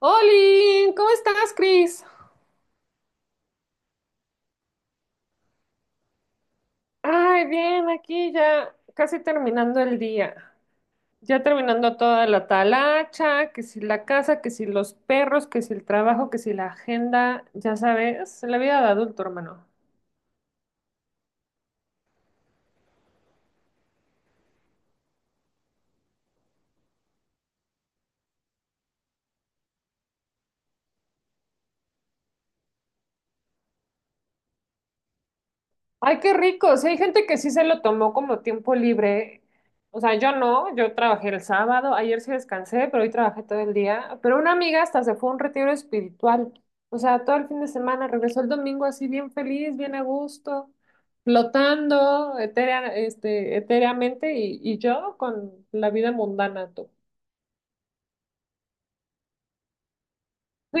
Oli, ¿cómo estás, Cris? Ay, bien, aquí ya casi terminando el día. Ya terminando toda la talacha, que si la casa, que si los perros, que si el trabajo, que si la agenda, ya sabes, la vida de adulto, hermano. Ay, qué rico. Sí, hay gente que sí se lo tomó como tiempo libre. O sea, yo no, yo trabajé el sábado, ayer sí descansé, pero hoy trabajé todo el día. Pero una amiga hasta se fue a un retiro espiritual. O sea, todo el fin de semana regresó el domingo así bien feliz, bien a gusto, flotando etéreamente y yo con la vida mundana, tú. Sí,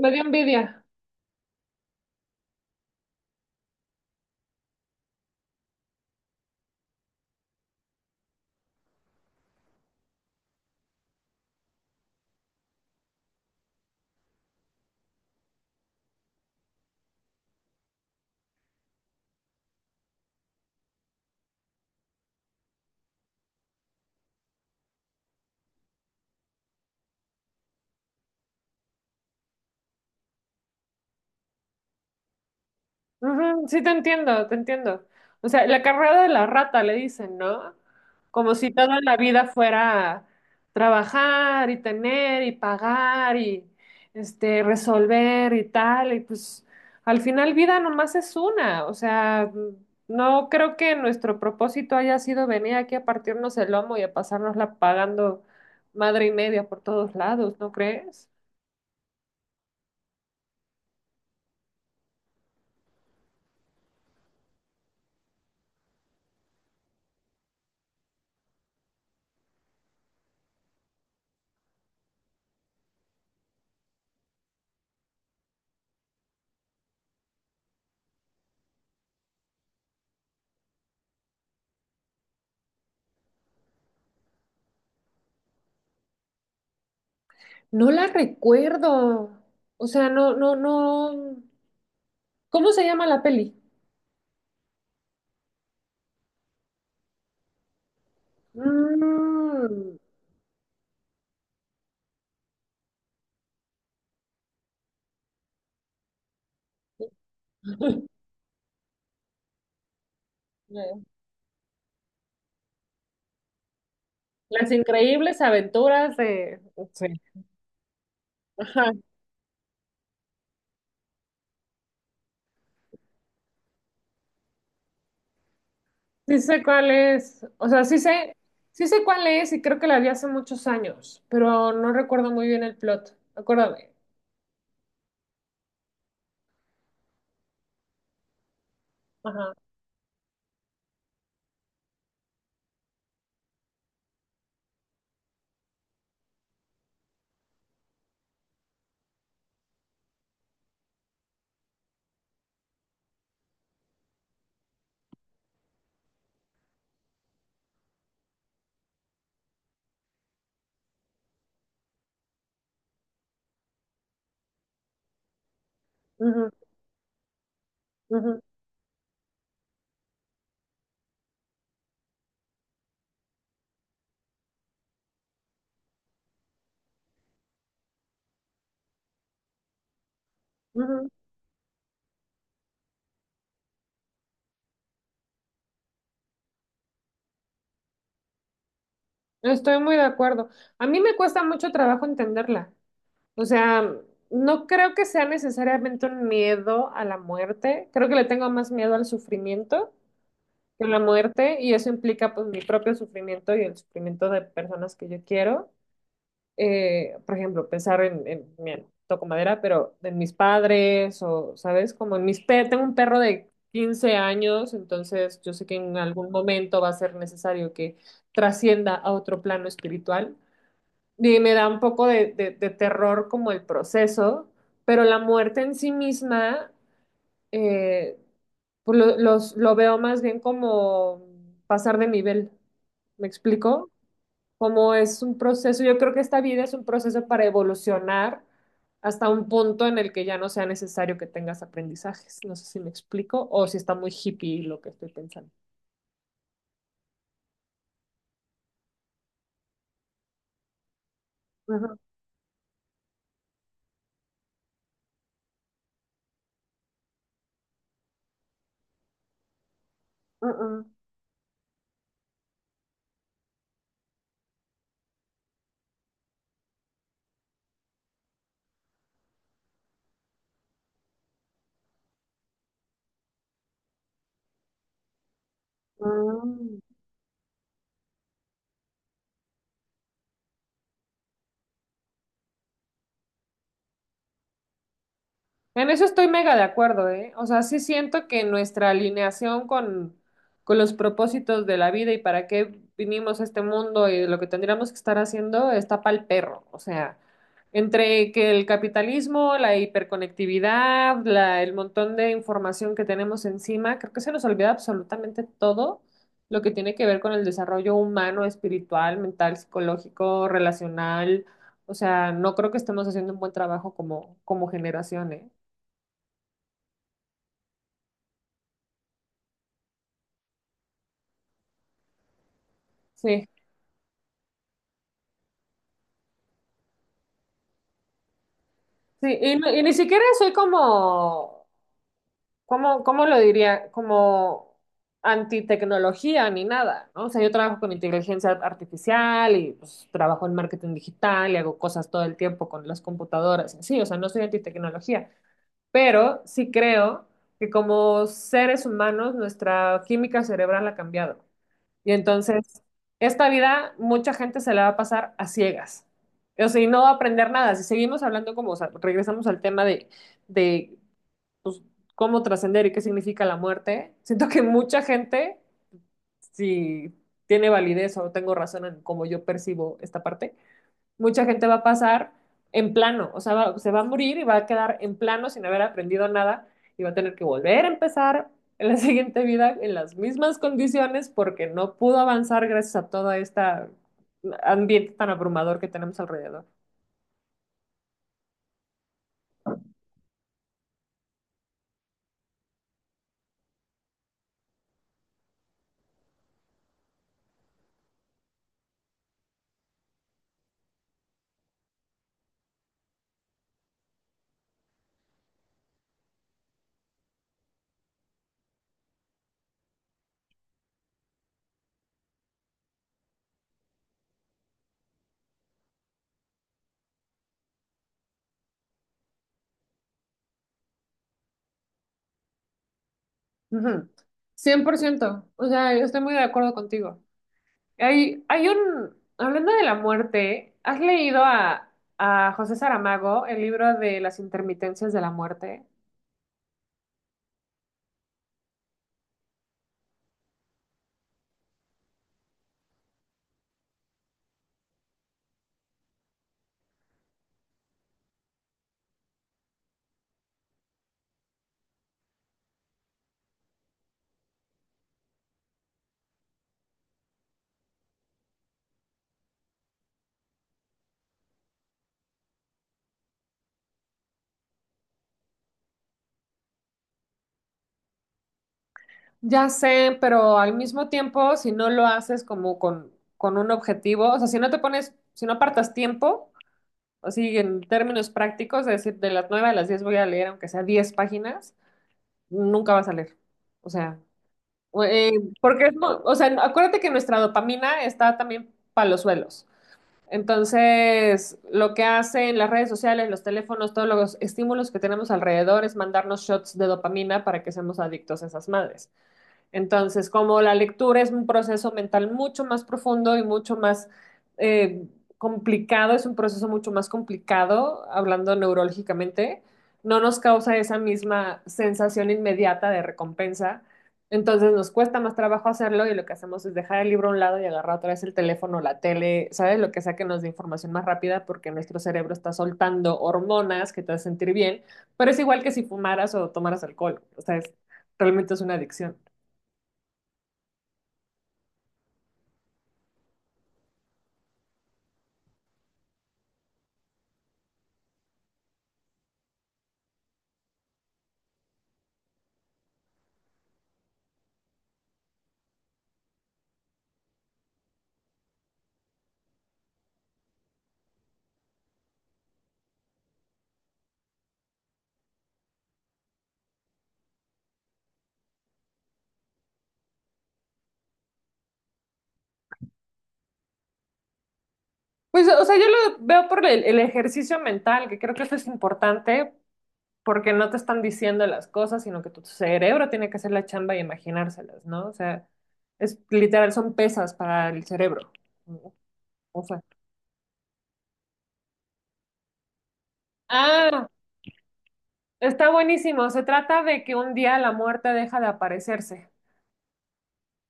me dio envidia. Ujú, sí, te entiendo, te entiendo. O sea, la carrera de la rata, le dicen, ¿no? Como si toda la vida fuera trabajar y tener y pagar y resolver y tal. Y pues al final vida nomás es una. O sea, no creo que nuestro propósito haya sido venir aquí a partirnos el lomo y a pasárnosla pagando madre y media por todos lados, ¿no crees? No la recuerdo. O sea, no, no, no. ¿Cómo se llama la peli? Mm. Las increíbles aventuras de... sí. Ajá, sí sé cuál es, o sea, sí sé cuál es y creo que la vi hace muchos años, pero no recuerdo muy bien el plot, acuérdame. Ajá, ujú, ujú, ujú. Estoy muy de acuerdo. A mí me cuesta mucho trabajo entenderla, o sea, no creo que sea necesariamente un miedo a la muerte, creo que le tengo más miedo al sufrimiento con la muerte y eso implica pues mi propio sufrimiento y el sufrimiento de personas que yo quiero. Por ejemplo, pensar en, mira, toco madera, pero en mis padres o, ¿sabes? Como en mis pe tengo un perro de 15 años, entonces yo sé que en algún momento va a ser necesario que trascienda a otro plano espiritual. Y me da un poco de, de terror como el proceso, pero la muerte en sí misma eh, pues lo veo más bien como pasar de nivel. ¿Me explico? Como es un proceso, yo creo que esta vida es un proceso para evolucionar hasta un punto en el que ya no sea necesario que tengas aprendizajes. No sé si me explico o si está muy hippie lo que estoy pensando. Ujú, ujú, mm. En eso estoy mega de acuerdo, ¿eh? O sea, sí siento que nuestra alineación con los propósitos de la vida y para qué vinimos a este mundo y lo que tendríamos que estar haciendo está pa'l perro. O sea, entre que el capitalismo, la hiperconectividad, la, el montón de información que tenemos encima, creo que se nos olvida absolutamente todo lo que tiene que ver con el desarrollo humano, espiritual, mental, psicológico, relacional. O sea, no creo que estemos haciendo un buen trabajo como, como generación, ¿eh? Sí, sí, y, y ni siquiera soy como, ¿cómo lo diría? Como antitecnología ni nada, ¿no? O sea, yo trabajo con inteligencia artificial y pues, trabajo en marketing digital y hago cosas todo el tiempo con las computadoras. Sí, o sea, no soy antitecnología, pero sí creo que como seres humanos nuestra química cerebral ha cambiado. Y entonces, esta vida, mucha gente se la va a pasar a ciegas. O sea, y no va a aprender nada. Si seguimos hablando como, o sea, regresamos al tema de pues, cómo trascender y qué significa la muerte, siento que mucha gente, si tiene validez o tengo razón en cómo yo percibo esta parte, mucha gente va a pasar en plano, o sea, se va a morir y va a quedar en plano sin haber aprendido nada y va a tener que volver a empezar en la siguiente vida en las mismas condiciones porque no pudo avanzar gracias a todo este ambiente tan abrumador que tenemos alrededor. Ujú. 100%, o sea, yo estoy muy de acuerdo contigo. Hablando de la muerte, ¿has leído a José Saramago el libro de las intermitencias de la muerte? Ya sé, pero al mismo tiempo, si no lo haces como con un objetivo, o sea, si no te pones, si no apartas tiempo, así en términos prácticos, es decir, de las 9 a las 10 voy a leer, aunque sea 10 páginas, nunca vas a leer. O sea, o- eh, porque es, o sea, acuérdate que nuestra dopamina está también para los suelos. Entonces, lo que hacen las redes sociales, los teléfonos, todos los estímulos que tenemos alrededor es mandarnos shots de dopamina para que seamos adictos a esas madres. Entonces, como la lectura es un proceso mental mucho más profundo y mucho más eh, complicado, es un proceso mucho más complicado, hablando neurológicamente, no nos causa esa misma sensación inmediata de recompensa. Entonces nos cuesta más trabajo hacerlo y lo que hacemos es dejar el libro a un lado y agarrar otra vez el teléfono, la tele, ¿sabes? Lo que sea que nos dé información más rápida porque nuestro cerebro está soltando hormonas que te hacen sentir bien, pero es igual que si fumaras o tomaras alcohol, o sea, es- realmente es una adicción. Pues, o sea, yo lo veo por el ejercicio mental, que creo que eso es importante porque no te están diciendo las cosas, sino que tu cerebro tiene que hacer la chamba y imaginárselas, ¿no? O sea, es literal, son pesas para el cerebro. O sea, ah, está buenísimo. Se trata de que un día la muerte deja de aparecerse.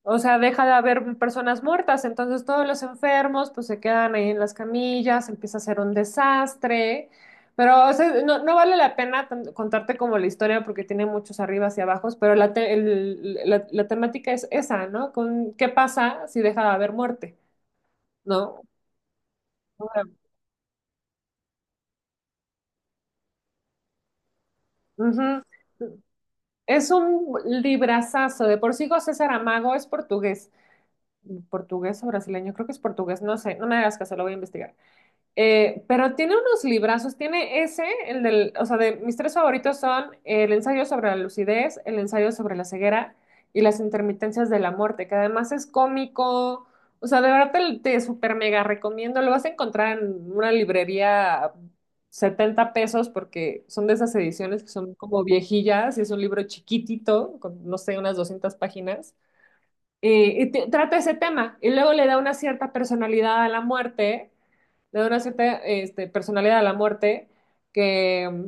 O sea, deja de haber personas muertas, entonces todos los enfermos pues se quedan ahí en las camillas, empieza a ser un desastre, pero o sea, no, no vale la pena contarte como la historia porque tiene muchos arribas y abajos, pero la, te- el- la temática es esa, ¿no? Con, ¿qué pasa si deja de haber muerte? ¿No? Ahora, ujú. Es un librazazo, de por sí José Saramago es portugués, portugués o brasileño, creo que es portugués, no sé, no me hagas caso, lo voy a investigar. Pero tiene unos librazos, tiene ese, el del, o sea, de mis tres favoritos son el ensayo sobre la lucidez, el ensayo sobre la ceguera y las intermitencias de la muerte, que además es cómico, o sea, de verdad te super mega recomiendo, lo vas a encontrar en una librería a 70 pesos porque son de esas ediciones que son como viejillas y es un libro chiquitito, con, no sé, unas 200 páginas. Y trata ese tema y luego le da una cierta personalidad a la muerte le da una cierta personalidad a la muerte que, mm,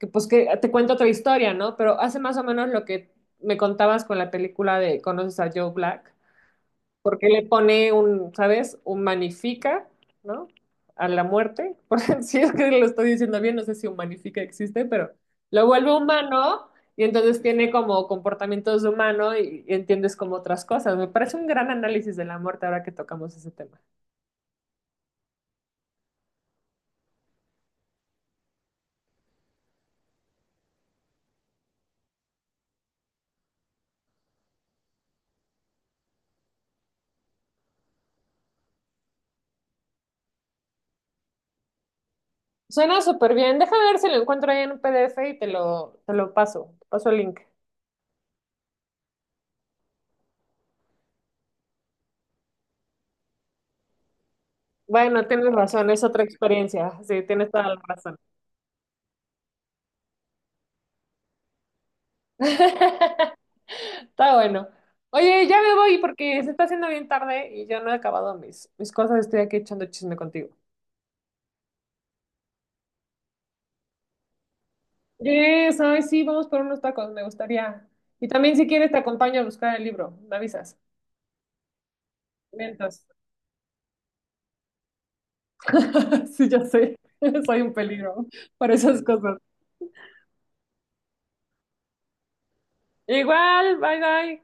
que, pues que te cuenta otra historia, ¿no? Pero hace más o menos lo que me contabas con la película de Conoces a Joe Black, que le pone un, ¿sabes? Humanifica, ¿no? A la muerte. Por si es que lo estoy diciendo bien, no sé si humanifica existe, pero lo vuelve humano. Y entonces tiene como comportamientos de humano y entiendes como otras cosas. Me parece un gran análisis de la muerte ahora que tocamos ese tema. Suena súper bien. Déjame ver si lo encuentro ahí en un PDF y te lo paso. Te paso el link. Bueno, tienes razón, es otra experiencia. Sí, tienes toda la razón. Está bueno. Oye, ya me voy porque se está haciendo bien tarde y yo no he acabado mis cosas. Estoy aquí echando chisme contigo. Yes, ay, sí, vamos por unos tacos, me gustaría. Y también si quieres te acompaño a buscar el libro, me avisas. Mientras. Sí, ya sé, soy un peligro para esas cosas. Igual, bye bye.